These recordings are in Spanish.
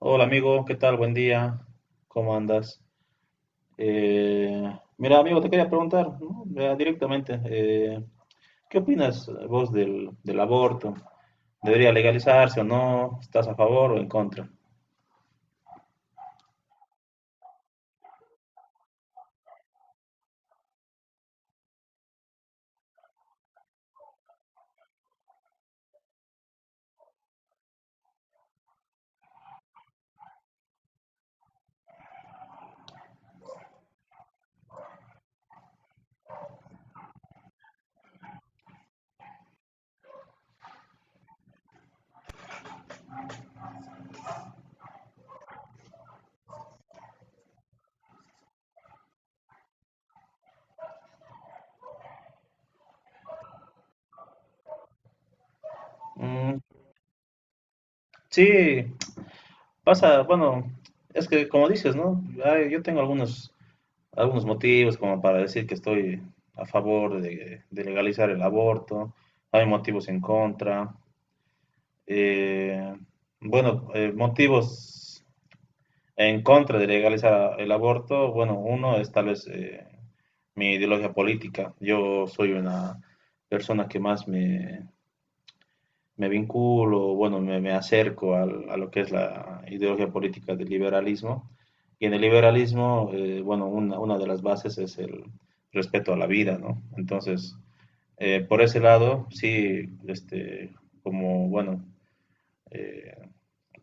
Hola amigo, ¿qué tal? Buen día, ¿cómo andas? Eh, Mira amigo, te quería preguntar, ¿no? Ya directamente, ¿qué opinas vos del aborto? ¿Debería legalizarse o no? ¿Estás a favor o en contra? Mm, sí, pasa, bueno, es que como dices, ¿no? Ay, yo tengo algunos motivos como para decir que estoy a favor de legalizar el aborto, hay motivos en contra. eh, bueno, motivos en contra de legalizar el aborto, bueno, uno es tal vez mi ideología política. Yo soy una persona que más me vinculo, bueno, me acerco al- a, lo que es la ideología política del liberalismo. Y en el liberalismo, bueno, una de las bases es el respeto a la vida, ¿no? Entonces, por ese lado, sí, este, como, bueno, eh,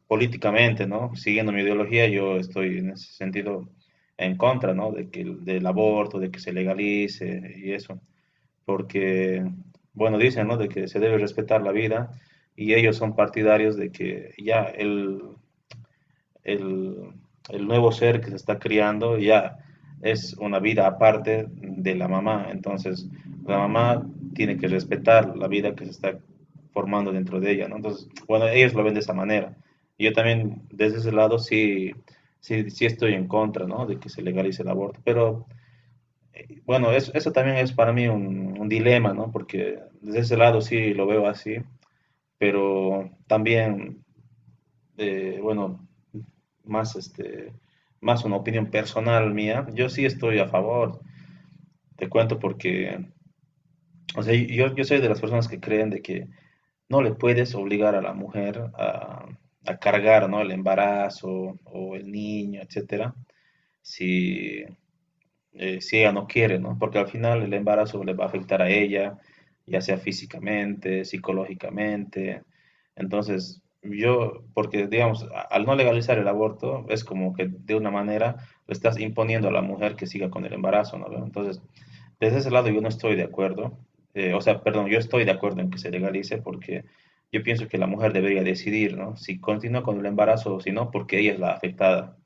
políticamente, ¿no? Siguiendo mi ideología, yo estoy en ese sentido en contra, ¿no? De que, el- del aborto, de que se legalice y eso, porque, bueno, dicen, ¿no? De que se debe respetar la vida y ellos son partidarios de que ya el, el nuevo ser que se está criando ya es una vida aparte de la mamá. Entonces, la mamá tiene que respetar la vida que se está formando dentro de ella, ¿no? Entonces, bueno, ellos lo ven de esa manera. Yo también, desde ese lado, sí, sí, sí estoy en contra, ¿no? De que se legalice el aborto. Pero, bueno, es- eso también es para mí un dilema, ¿no? Porque desde ese lado sí lo veo así, pero también de, bueno, más este, más una opinión personal mía, yo sí estoy a favor. Te cuento porque, o sea, yo soy de las personas que creen de que no le puedes obligar a la mujer a cargar, ¿no? El embarazo o el niño, etcétera, si, si ella no quiere, ¿no? Porque al final el embarazo le va a afectar a ella, ya sea físicamente, psicológicamente. Entonces, yo, porque digamos, a- al no legalizar el aborto, es como que de una manera le estás imponiendo a la mujer que siga con el embarazo, ¿no? Entonces, desde ese lado yo no estoy de acuerdo. O sea, perdón, yo estoy de acuerdo en que se legalice porque yo pienso que la mujer debería decidir, ¿no? Si continúa con el embarazo o si no, porque ella es la afectada.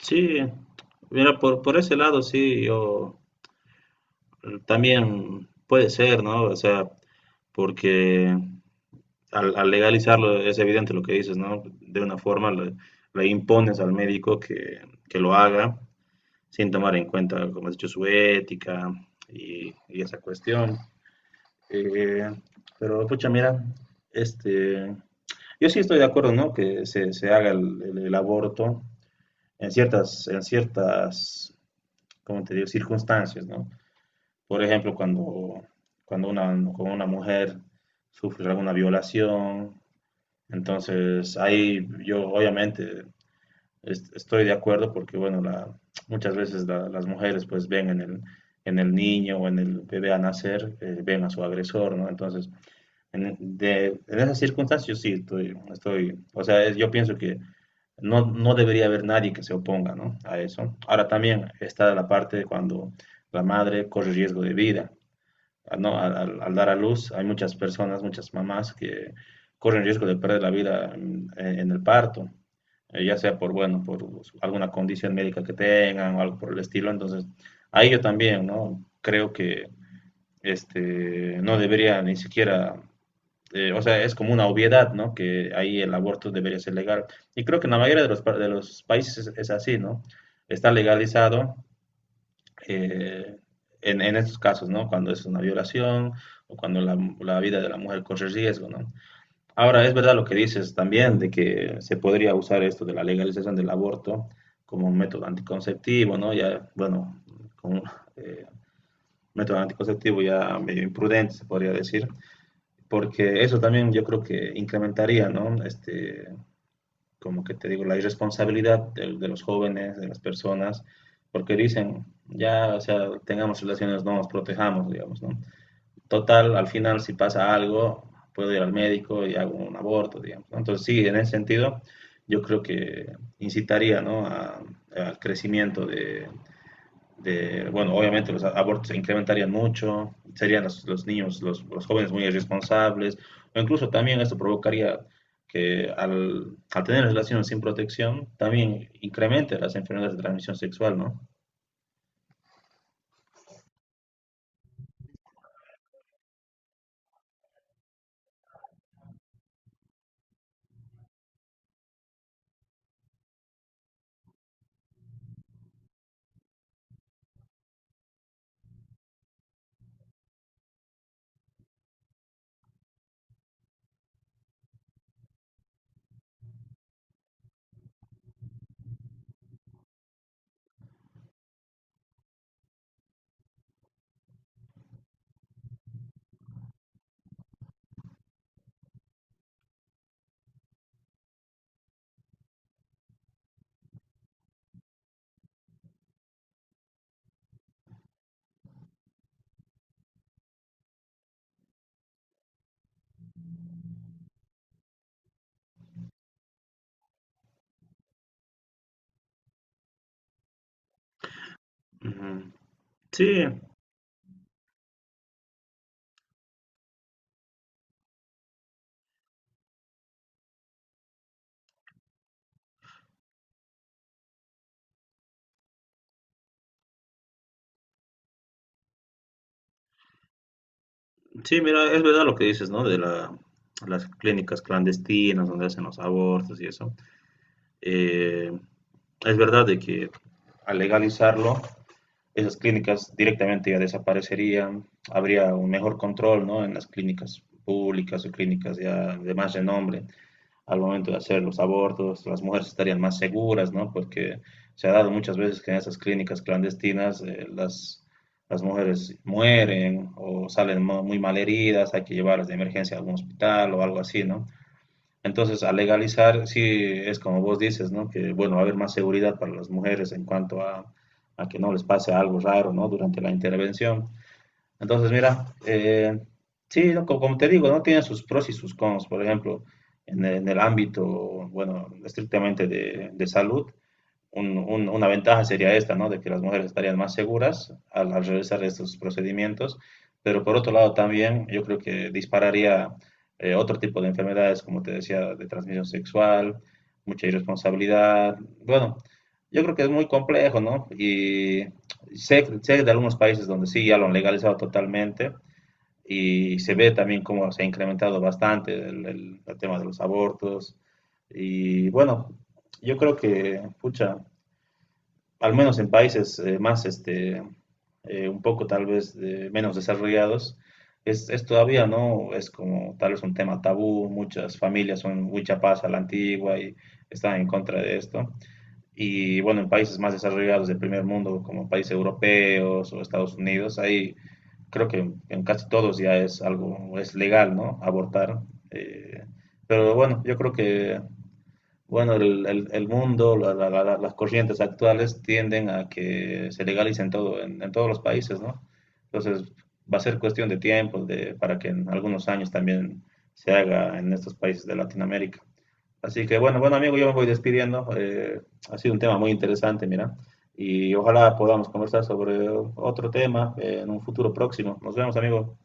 Sí, mira, por ese lado sí, yo... Mm, también puede ser, ¿no? O sea, porque al legalizarlo es evidente lo que dices, ¿no? De una forma le impones al médico que lo haga sin tomar en cuenta, como has dicho, su ética y esa cuestión. Eh, pero, pucha, mira, este, yo sí estoy de acuerdo, ¿no? Que se haga el aborto en ciertas, ¿cómo te digo? Circunstancias, ¿no? Por ejemplo, cuando, cuando una, cuando una mujer sufre alguna violación, entonces ahí yo obviamente est- estoy de acuerdo porque, bueno, la- muchas veces la- las mujeres pues ven en el niño o en el bebé a nacer, ven a su agresor, ¿no? Entonces, en, de, en esas circunstancias yo sí estoy, estoy, o sea, es- yo pienso que no, no debería haber nadie que se oponga, ¿no? A eso. Ahora también está la parte de cuando la madre corre riesgo de vida a- no, al, al- al dar a luz, hay muchas personas, muchas mamás que corren riesgo de perder la vida en el parto, ya sea por, bueno, por alguna condición médica que tengan o algo por el estilo. Entonces, ahí yo también, ¿no? Creo que este, no debería ni siquiera, o sea, es como una obviedad, ¿no? Que ahí el aborto debería ser legal. Y creo que en la mayoría de los, pa- de los países es así, ¿no? Está legalizado eh, en estos casos, ¿no? Cuando es una violación o cuando la vida de la mujer corre riesgo, ¿no? Ahora, es verdad lo que dices también de que se podría usar esto de la legalización del aborto como un método anticonceptivo, ¿no? Ya, bueno, como eh, método anticonceptivo ya medio imprudente, se podría decir, porque eso también yo creo que incrementaría, ¿no? Este, como que te digo, la irresponsabilidad de los jóvenes, de las personas, porque dicen, ya, o sea, tengamos relaciones, no nos protejamos, digamos, ¿no? Total, al final, si pasa algo, puedo ir al médico y hago un aborto, digamos. ¿No? Entonces, sí, en ese sentido, yo creo que incitaría, ¿no? A- al crecimiento de, bueno, obviamente los abortos se incrementarían mucho, serían los niños, los, jóvenes muy irresponsables, o incluso también esto provocaría que al, al tener relaciones sin protección, también incremente las enfermedades de transmisión sexual, ¿no? Ujú. Sí, sí, mira, es verdad lo que dices, ¿no? De la, las clínicas clandestinas donde hacen los abortos y eso. Eh, es verdad de que al legalizarlo esas clínicas directamente ya desaparecerían, habría un mejor control, ¿no? En las clínicas públicas o clínicas ya de más renombre al momento de hacer los abortos, las mujeres estarían más seguras, ¿no? Porque se ha dado muchas veces que en esas clínicas clandestinas las mujeres mueren o salen mo- muy mal heridas, hay que llevarlas de emergencia a algún hospital o algo así, ¿no? Entonces, al legalizar, sí es como vos dices, ¿no? Que, bueno, va a haber más seguridad para las mujeres en cuanto a que no les pase algo raro, ¿no? Durante la intervención. Entonces, mira, sí, ¿no? Como, como te digo, ¿no? Tiene sus pros y sus cons. Por ejemplo, en el ámbito, bueno, estrictamente de salud, un- una ventaja sería esta, ¿no? De que las mujeres estarían más seguras al, al realizar estos procedimientos, pero por otro lado también yo creo que dispararía otro tipo de enfermedades, como te decía, de transmisión sexual, mucha irresponsabilidad. Bueno, yo creo que es muy complejo, ¿no? Y sé, sé de algunos países donde sí ya lo han legalizado totalmente y se ve también cómo se ha incrementado bastante el tema de los abortos. Y bueno, yo creo que, pucha, al menos en países más, este, un poco tal vez de- menos desarrollados, es todavía, ¿no? Es como tal vez un tema tabú, muchas familias son muy chapadas a la antigua y están en contra de esto. Y bueno, en países más desarrollados del primer mundo, como países europeos o Estados Unidos, ahí creo que en casi todos ya es algo, es legal, ¿no? Abortar. eh, pero bueno, yo creo que bueno, el mundo, la- la- la- la- las corrientes actuales tienden a que se legalicen todo, en todos los países, ¿no? Entonces, va a ser cuestión de tiempo de, para que en algunos años también se haga en estos países de Latinoamérica. Así que, bueno, bueno, amigo, yo me voy despidiendo. Ha sido un tema muy interesante, mira. Y ojalá podamos conversar sobre otro tema, en un futuro próximo. Nos vemos, amigo.